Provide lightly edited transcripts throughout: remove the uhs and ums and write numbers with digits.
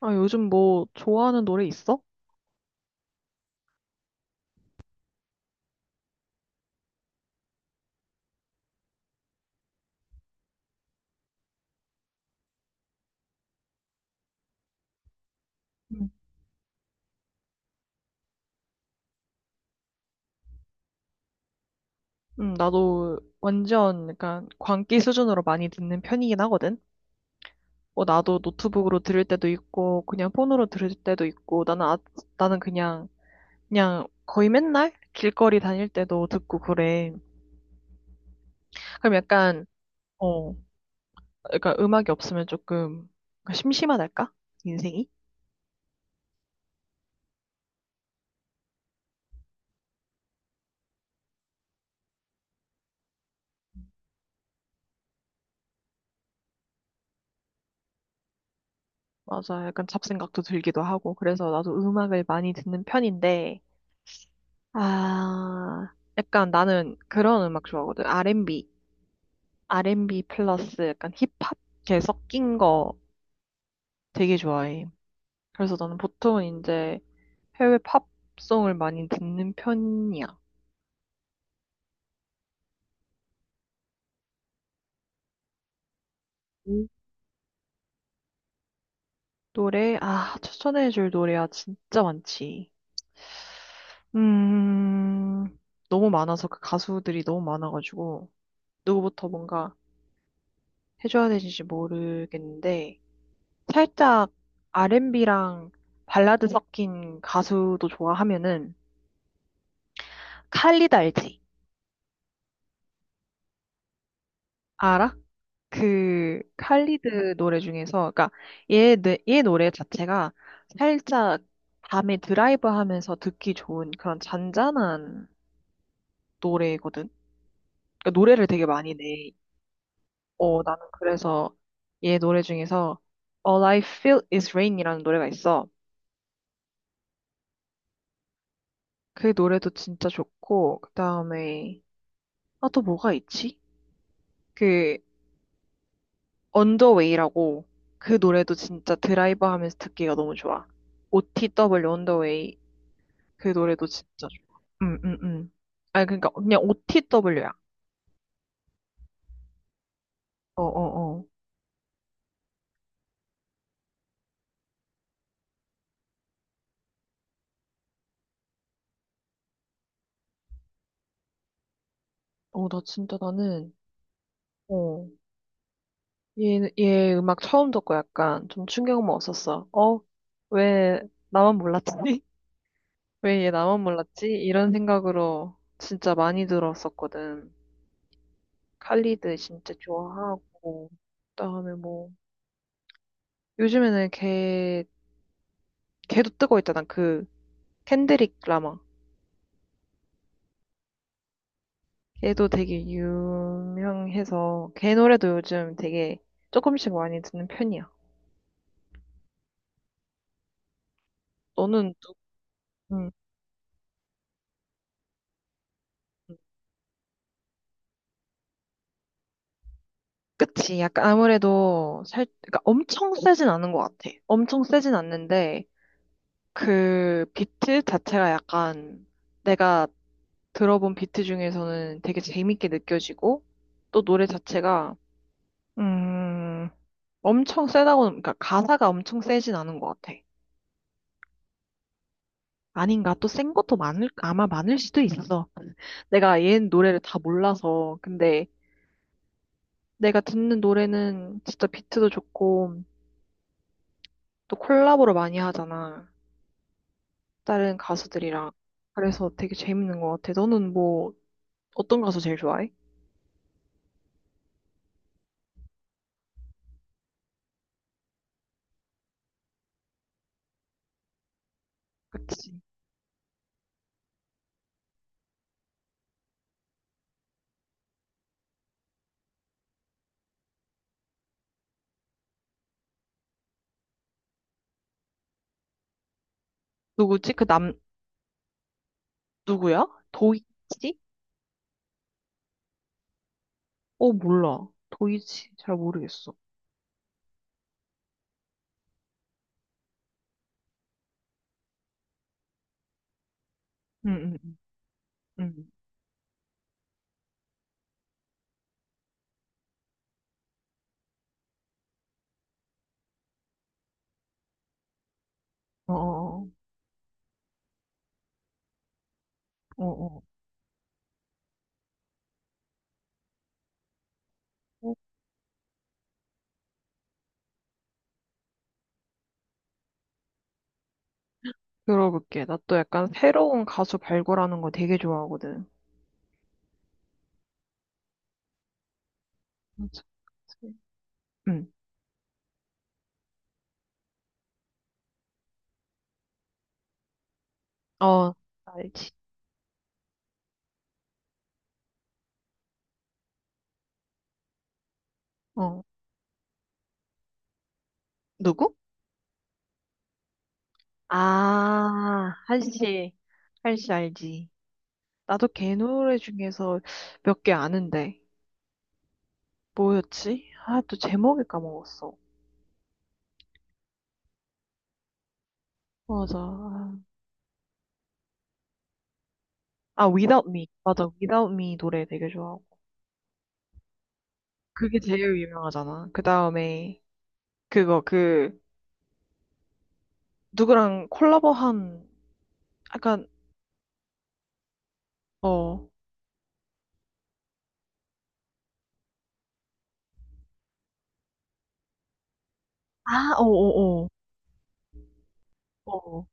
아, 요즘 뭐 좋아하는 노래 있어? 응, 응, 나도 완전 약간 광기 수준으로 많이 듣는 편이긴 하거든. 뭐 나도 노트북으로 들을 때도 있고 그냥 폰으로 들을 때도 있고 나는 그냥 거의 맨날 길거리 다닐 때도 듣고 그래. 그럼 약간 어, 약간 음악이 없으면 조금 심심하달까? 인생이? 맞아. 약간 잡생각도 들기도 하고 그래서 나도 음악을 많이 듣는 편인데 아, 약간 나는 그런 음악 좋아하거든. R&B, R&B 플러스 약간 힙합 이렇게 섞인 거 되게 좋아해. 그래서 나는 보통 이제 해외 팝송을 많이 듣는 편이야. 음. 노래, 아, 추천해줄 노래야 진짜 많지. 음, 너무 많아서 그 가수들이 너무 많아가지고 누구부터 뭔가 해줘야 되는지 모르겠는데 살짝 R&B랑 발라드 섞인 가수도 좋아하면은 칼리드 알지? 알아? 그 칼리드 노래 중에서 그러니까 얘 노래 자체가 살짝 밤에 드라이브 하면서 듣기 좋은 그런 잔잔한 노래거든. 그러니까 노래를 되게 많이 내. 어, 나는 그래서 얘 노래 중에서 All I Feel Is Rain이라는 노래가 있어. 그 노래도 진짜 좋고 그다음에 아 또 뭐가 있지? 그 언더웨이라고 그 노래도 진짜 드라이브 하면서 듣기가 너무 좋아. OTW 언더웨이 그 노래도 진짜 좋아. 응, 응, 응. 아니, 그러니까 그냥 OTW야. 어, 어, 어. 어, 나 진짜 나는, 어, 얘, 얘 음악 처음 듣고 약간 좀 충격 먹었었어. 어, 왜 나만 몰랐지? 왜 얘 나만 몰랐지? 이런 생각으로 진짜 많이 들었었거든. 칼리드 진짜 좋아하고, 그다음에 뭐, 요즘에는 걔 걔도 뜨고 있잖아. 그 켄드릭 라마. 걔도 되게 유명해서 걔 노래도 요즘 되게 조금씩 많이 듣는 편이야. 너는 누- 음, 음. 그치. 약간 아무래도 살, 그러니까 엄청 세진 않은 것 같아. 엄청 세진 않는데 그 비트 자체가 약간 내가 들어본 비트 중에서는 되게 재밌게 느껴지고 또 노래 자체가 음, 엄청 세다고, 그러니까 가사가 엄청 세진 않은 것 같아. 아닌가? 또 센 것도 많을, 아마 많을 수도 있어. 내가 얘 노래를 다 몰라서. 근데 내가 듣는 노래는 진짜 비트도 좋고, 또 콜라보를 많이 하잖아. 다른 가수들이랑. 그래서 되게 재밌는 것 같아. 너는 뭐, 어떤 가수 제일 좋아해? 그치. 누구지? 그 남, 누구야? 도이치? 어, 몰라. 도이치. 잘 모르겠어. 응, 응, 응. 응. 어, 어, 어, 어. 어. 들어볼게. 나 또 약간 새로운 가수 발굴하는 거 되게 좋아하거든. 맞아. 응. 어, 알지. 어. 누구? 아, 한씨. 한씨 알지. 나도 걔 노래 중에서 몇 개 아는데. 뭐였지? 아, 또 제목을 까먹었어. 맞아. 아, Without Me. 맞아. Without Me 노래 되게 좋아하고. 그게 제일 유명하잖아. 그 다음에, 그거, 그, 누구랑 콜라보한, 약간, 어. 아, 어어어. 어. 어, 어.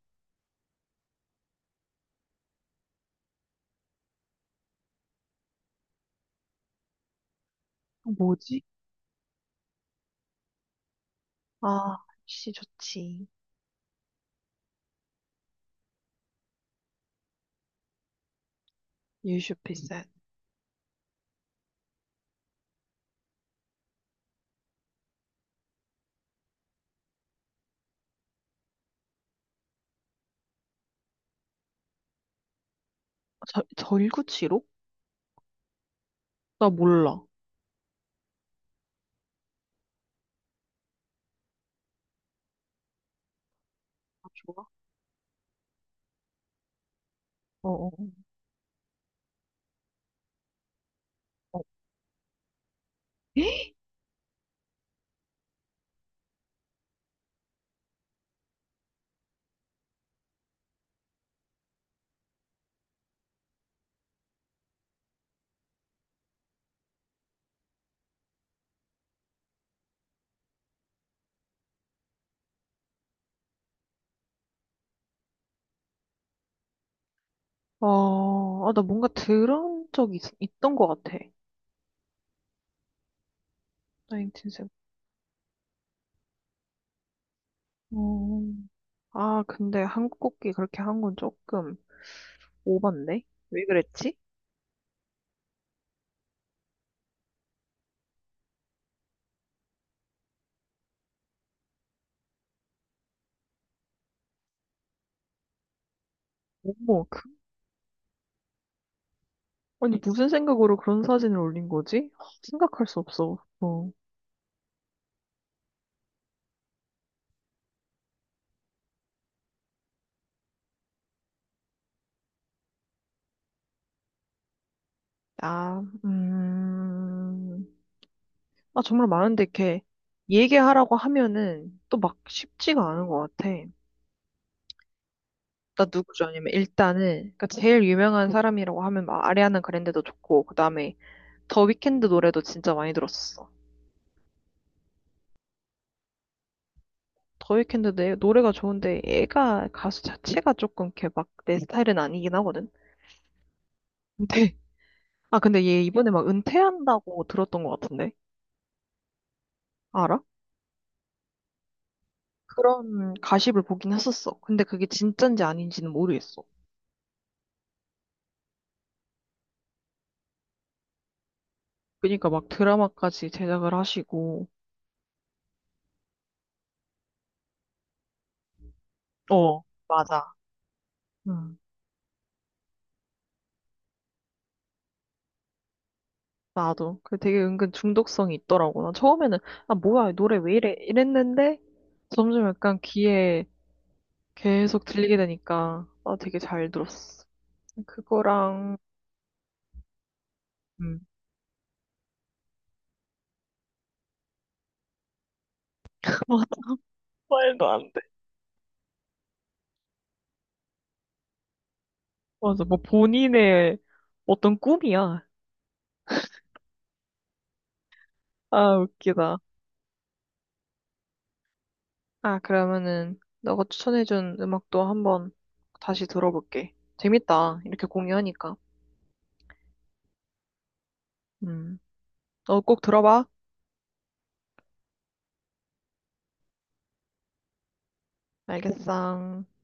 어. 뭐지? 아, 한씨 좋지. e sad. 절, 절구치로? 나 몰라. 아, 좋아. 어, 어, 어. 어, 아, 나 뭔가 들은 적이 있던 것 같아. 1인틴0 어, 아, 근데 한국 국기 그렇게 한 건 조금 오반데? 왜 그랬지? 어머, 그, 아니, 무슨 생각으로 그런 사진을 올린 거지? 아, 생각할 수 없어. 어. 아, 아, 정말 많은데, 이렇게 얘기하라고 하면은 또 막 쉽지가 않은 것 같아. 나 누구 죠 아니면 일단은 그러니까 제일 유명한 사람이라고 하면 막 아리아나 그랜데도 좋고 그다음에 더 위켄드 노래도 진짜 많이 들었었어. 더 위켄드 내 노래가 좋은데 얘가 가수 자체가 조금 이렇게 막 내 스타일은 아니긴 하거든. 근데 아 근데 얘 이번에 막 은퇴한다고 들었던 것 같은데 알아? 그런 가십을 보긴 했었어. 근데 그게 진짠지 아닌지는 모르겠어. 그러니까 막 드라마까지 제작을 하시고 어 맞아. 음. 나도. 그 되게 은근 중독성이 있더라고. 나 처음에는, 아, 뭐야, 이 노래 왜 이래? 이랬는데, 점점 약간 귀에 계속 들리게 되니까, 아, 되게 잘 들었어. 그거랑, 음, 맞아, 말도 안 돼. 맞아, 뭐 본인의 어떤 꿈이야. 아, 웃기다. 아, 그러면은, 너가 추천해준 음악도 한번 다시 들어볼게. 재밌다. 이렇게 공유하니까. 음, 너 꼭 들어봐. 알겠어.